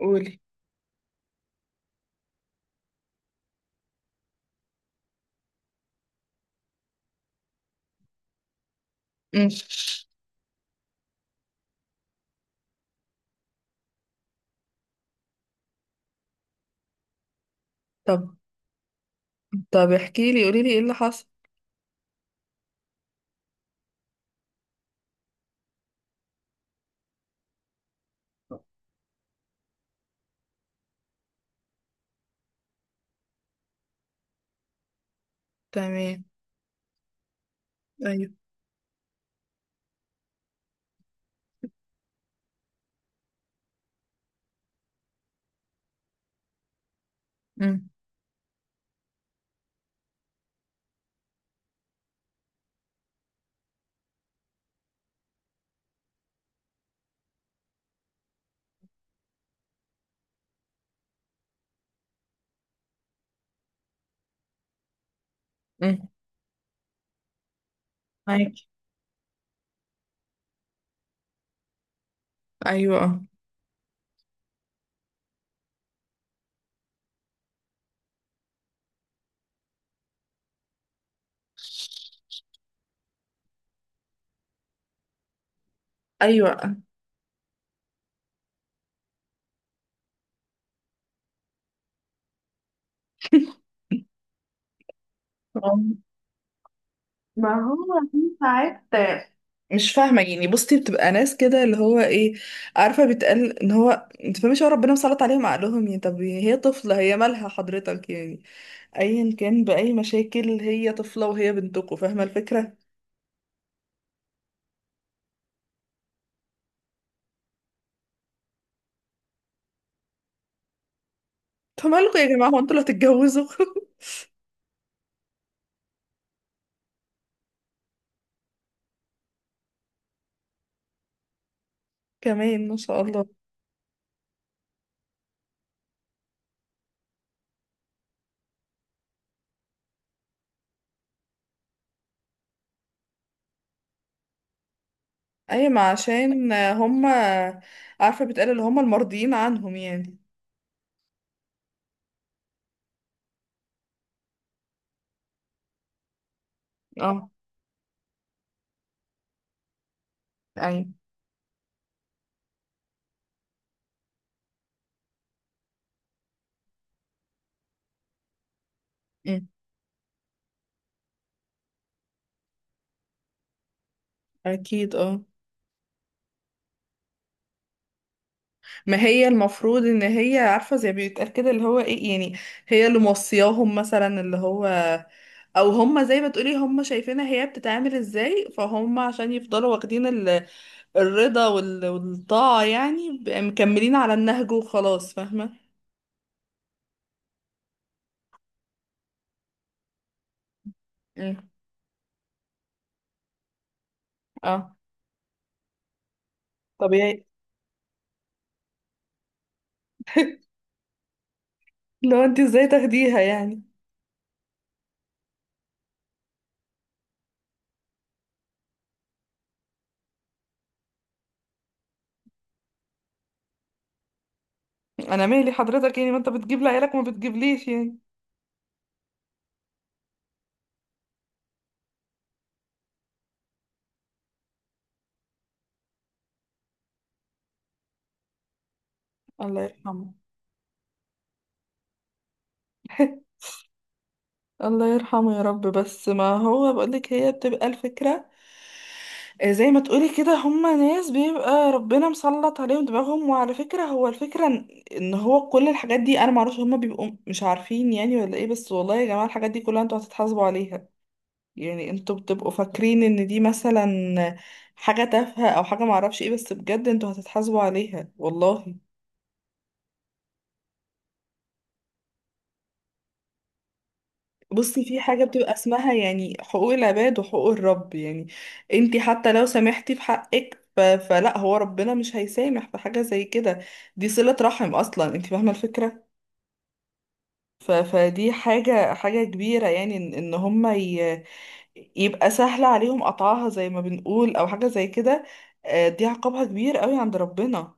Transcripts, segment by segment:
قولي. مم. طب طب احكي لي، قولي لي ايه اللي حصل. تمام. ايوه. مم. مم. معاكي. ايوه، اه. ايوه. آه. ما هو في ساعات مش فاهمة يعني. بصي، بتبقى ناس كده اللي هو ايه، عارفة بيتقال ان هو، انت فاهمش، هو ربنا مسلط عليهم عقلهم يعني. طب هي طفلة، هي مالها حضرتك يعني؟ ايا كان بأي مشاكل، هي طفلة وهي بنتكم، فاهمة الفكرة؟ انتوا مالكم يا جماعة، هو انتوا اللي هتتجوزوا؟ كمان ما شاء الله. اي، ما عشان هم عارفة، بتقال اللي هم المرضيين عنهم يعني. اه. ايوه. مم. اكيد، اه. ما هي المفروض ان هي عارفه، زي بيتقال كده اللي هو ايه يعني، هي اللي موصياهم مثلا اللي هو، او هم زي ما تقولي هم شايفينها هي بتتعامل ازاي، فهم عشان يفضلوا واخدين الرضا والطاعه يعني، بقى مكملين على النهج وخلاص، فاهمه. مم. اه. طبيعي. لو انت ازاي تاخديها يعني. انا مالي حضرتك يعني، ما انت بتجيب لعيالك وما بتجيبليش يعني. الله يرحمه. الله يرحمه يا رب. بس ما هو بقولك، هي بتبقى الفكرة، آه، زي ما تقولي كده هما ناس بيبقى ربنا مسلط عليهم دماغهم. وعلى فكرة، هو الفكرة إن هو كل الحاجات دي، انا معرفش هما بيبقوا مش عارفين يعني ولا ايه. بس والله يا جماعة، الحاجات دي كلها انتوا هتتحاسبوا عليها. يعني انتوا بتبقوا فاكرين ان دي مثلا حاجة تافهة او حاجة معرفش ايه، بس بجد انتوا هتتحاسبوا عليها والله. بصي، في حاجة بتبقى اسمها يعني حقوق العباد وحقوق الرب يعني. انتي حتى لو سامحتي في حقك، فلا، هو ربنا مش هيسامح في حاجة زي كده. دي صلة رحم اصلا، انتي فاهمة الفكرة. فدي حاجة، حاجة كبيرة، يعني إن هما يبقى سهل عليهم قطعها زي ما بنقول او حاجة زي كده. آه، دي عقابها كبير قوي عند ربنا.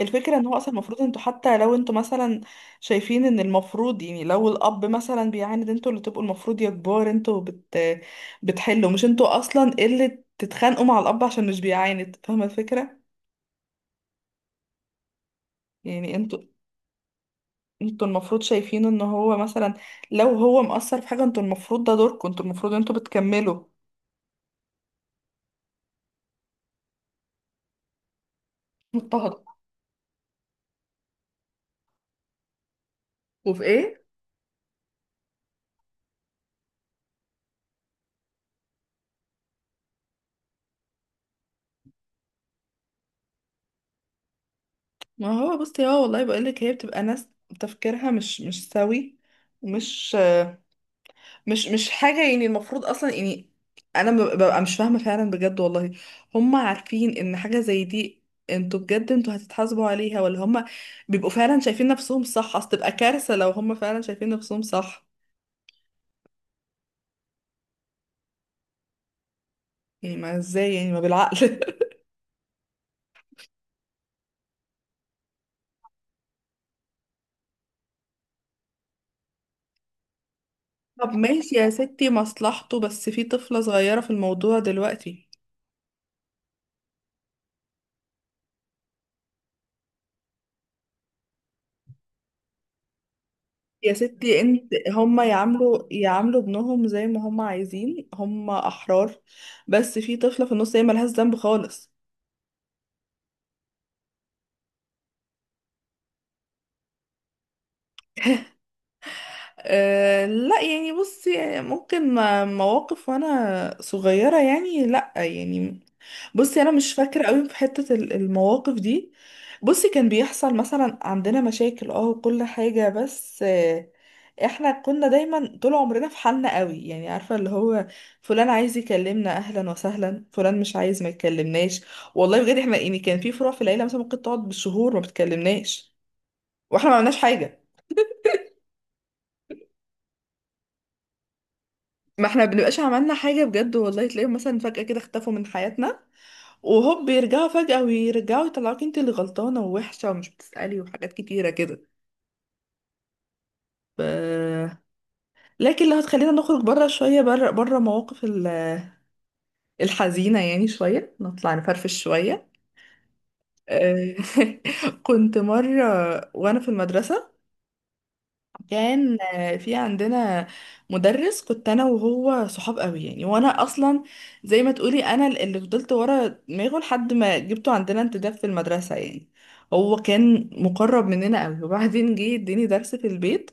الفكرة ان هو اصلا المفروض انتوا، حتى لو انتوا مثلا شايفين ان المفروض يعني لو الاب مثلا بيعاند، انتوا اللي تبقوا المفروض يا كبار، انتوا بتحلوا، مش انتوا اصلا اللي تتخانقوا مع الاب عشان مش بيعاند، فاهمة الفكرة؟ يعني انتوا المفروض شايفين ان هو مثلا لو هو مقصر في حاجة، انتوا المفروض، ده دوركم، انتوا المفروض انتوا بتكملوا. مضطهد. وفي ايه؟ ما هو بصي اه، والله بقولك هي بتبقى ناس تفكيرها مش سوي، ومش مش حاجة يعني المفروض أصلا يعني. أنا ببقى مش فاهمة فعلا بجد والله. هم عارفين إن حاجة زي دي، انتوا بجد انتوا هتتحاسبوا عليها؟ ولا هم بيبقوا فعلا شايفين نفسهم صح؟ أصل تبقى كارثة لو هم فعلا شايفين نفسهم صح. يعني ما ازاي يعني، ما بالعقل. طب ماشي يا ستي مصلحته، بس في طفلة صغيرة في الموضوع دلوقتي. يا ستي، انت هم يعاملوا ابنهم زي ما هم عايزين، هم أحرار، بس في طفلة في النص هي ملهاش ذنب خالص. أه لا يعني، بصي يعني ممكن مواقف وانا صغيرة، يعني لا يعني. بصي انا مش فاكرة قوي في حتة المواقف دي. بصي، كان بيحصل مثلا عندنا مشاكل اه وكل حاجة، بس آه، احنا كنا دايما طول عمرنا في حالنا قوي يعني. عارفة اللي هو فلان عايز يكلمنا، اهلا وسهلا، فلان مش عايز، ما يكلمناش. والله بجد احنا يعني كان في فروع في العيلة مثلا ممكن تقعد بالشهور ما بتكلمناش، واحنا ما عملناش حاجة. ما احنا بنبقاش عملنا حاجة بجد والله. تلاقيهم مثلا فجأة كده اختفوا من حياتنا وهوب بيرجعوا فجأة، ويرجعوا يطلعوك انت اللي غلطانة ووحشة ومش بتسألي وحاجات كتيرة كده. ف... لكن لو هتخلينا نخرج بره شوية، بره بره مواقف الحزينة يعني شوية، نطلع نفرفش شوية. آه. كنت مرة وأنا في المدرسة، كان آه، في عندنا مدرس. كنت انا وهو صحاب قوي يعني، وانا اصلا زي ما تقولي انا اللي فضلت ورا دماغه لحد ما جبته عندنا انتداب في المدرسة يعني. هو كان مقرب مننا قوي وبعدين جه اديني درس في البيت.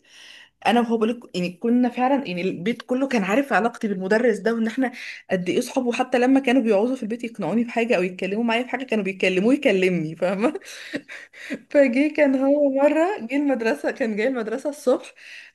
انا وهو بقولك يعني كنا فعلا يعني البيت كله كان عارف علاقتي بالمدرس ده، وان احنا قد ايه صحاب، وحتى لما كانوا بيقعدوا في البيت يقنعوني بحاجة او يتكلموا معايا في حاجة كانوا بيكلموه يكلمني. فجه كان هو مرة جه المدرسة، كان جاي المدرسة الصبح،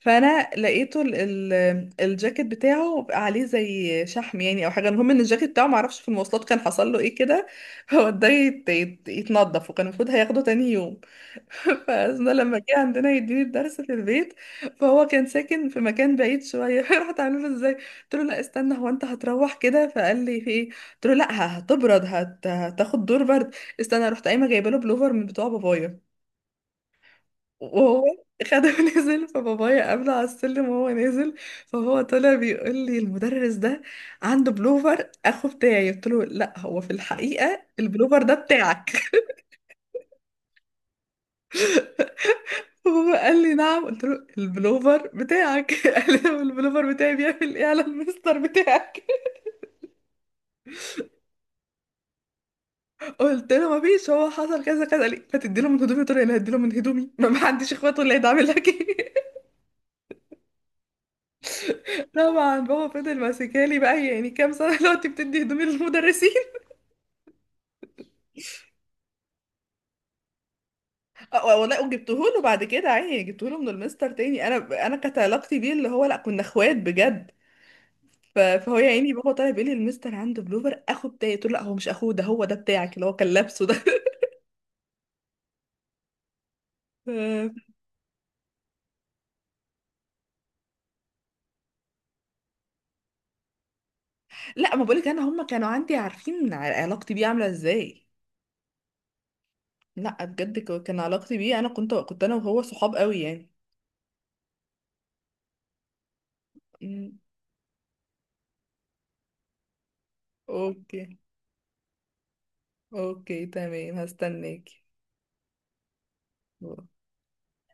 فأنا لقيته ال ال الجاكيت بتاعه عليه زي شحم يعني أو حاجة. المهم إن الجاكيت بتاعه معرفش في المواصلات كان حصل له إيه كده. هو ده يتنضف، وكان المفروض هياخده تاني يوم. فأنا لما جه عندنا يديني الدرس في البيت، فهو كان ساكن في مكان بعيد شوية. رحت عامله له إزاي، قلت له لا استنى، هو أنت هتروح كده؟ فقال لي في إيه؟ قلت له لا هتبرد، هتاخد دور برد، استنى. رحت قايمة جايبه له بلوفر من بتوع بابايا، وهو خده. ونزل، فبابايا قابله على السلم وهو نازل. فهو طلع بيقول لي المدرس ده عنده بلوفر اخو بتاعي. قلت له لا، هو في الحقيقة البلوفر ده بتاعك. وهو قال لي نعم، قلت له البلوفر بتاعك. قال لي: "هو البلوفر بتاعي بيعمل ايه على المستر بتاعك؟ قلت له ما فيش، هو حصل كذا كذا. قال لي فتدي له من هدومي؟ قلت له انا هدي له من هدومي؟ ما عنديش اخوات ولا هيدعمل لك. ايه. طبعا بابا فضل ماسكالي، بقى يعني كام سنة دلوقتي بتدي هدومي للمدرسين. آه، والله وجبته له بعد كده، عيني جبته له من المستر تاني. انا كانت علاقتي بيه اللي هو لا، كنا اخوات بجد. فهو يا عيني بابا طالع بيقول لي المستر عنده بلوفر اخو بتاعي. قلت له لا هو مش اخوه ده، هو ده بتاعك اللي هو كان لابسه ده. ف- لا، ما بقولك انا، هم كانوا عندي عارفين علاقتي بيه عامله ازاي. لا بجد، كان علاقتي بيه انا كنت انا وهو صحاب قوي يعني. أمم، اوكي. اوكي تمام، هستناكي.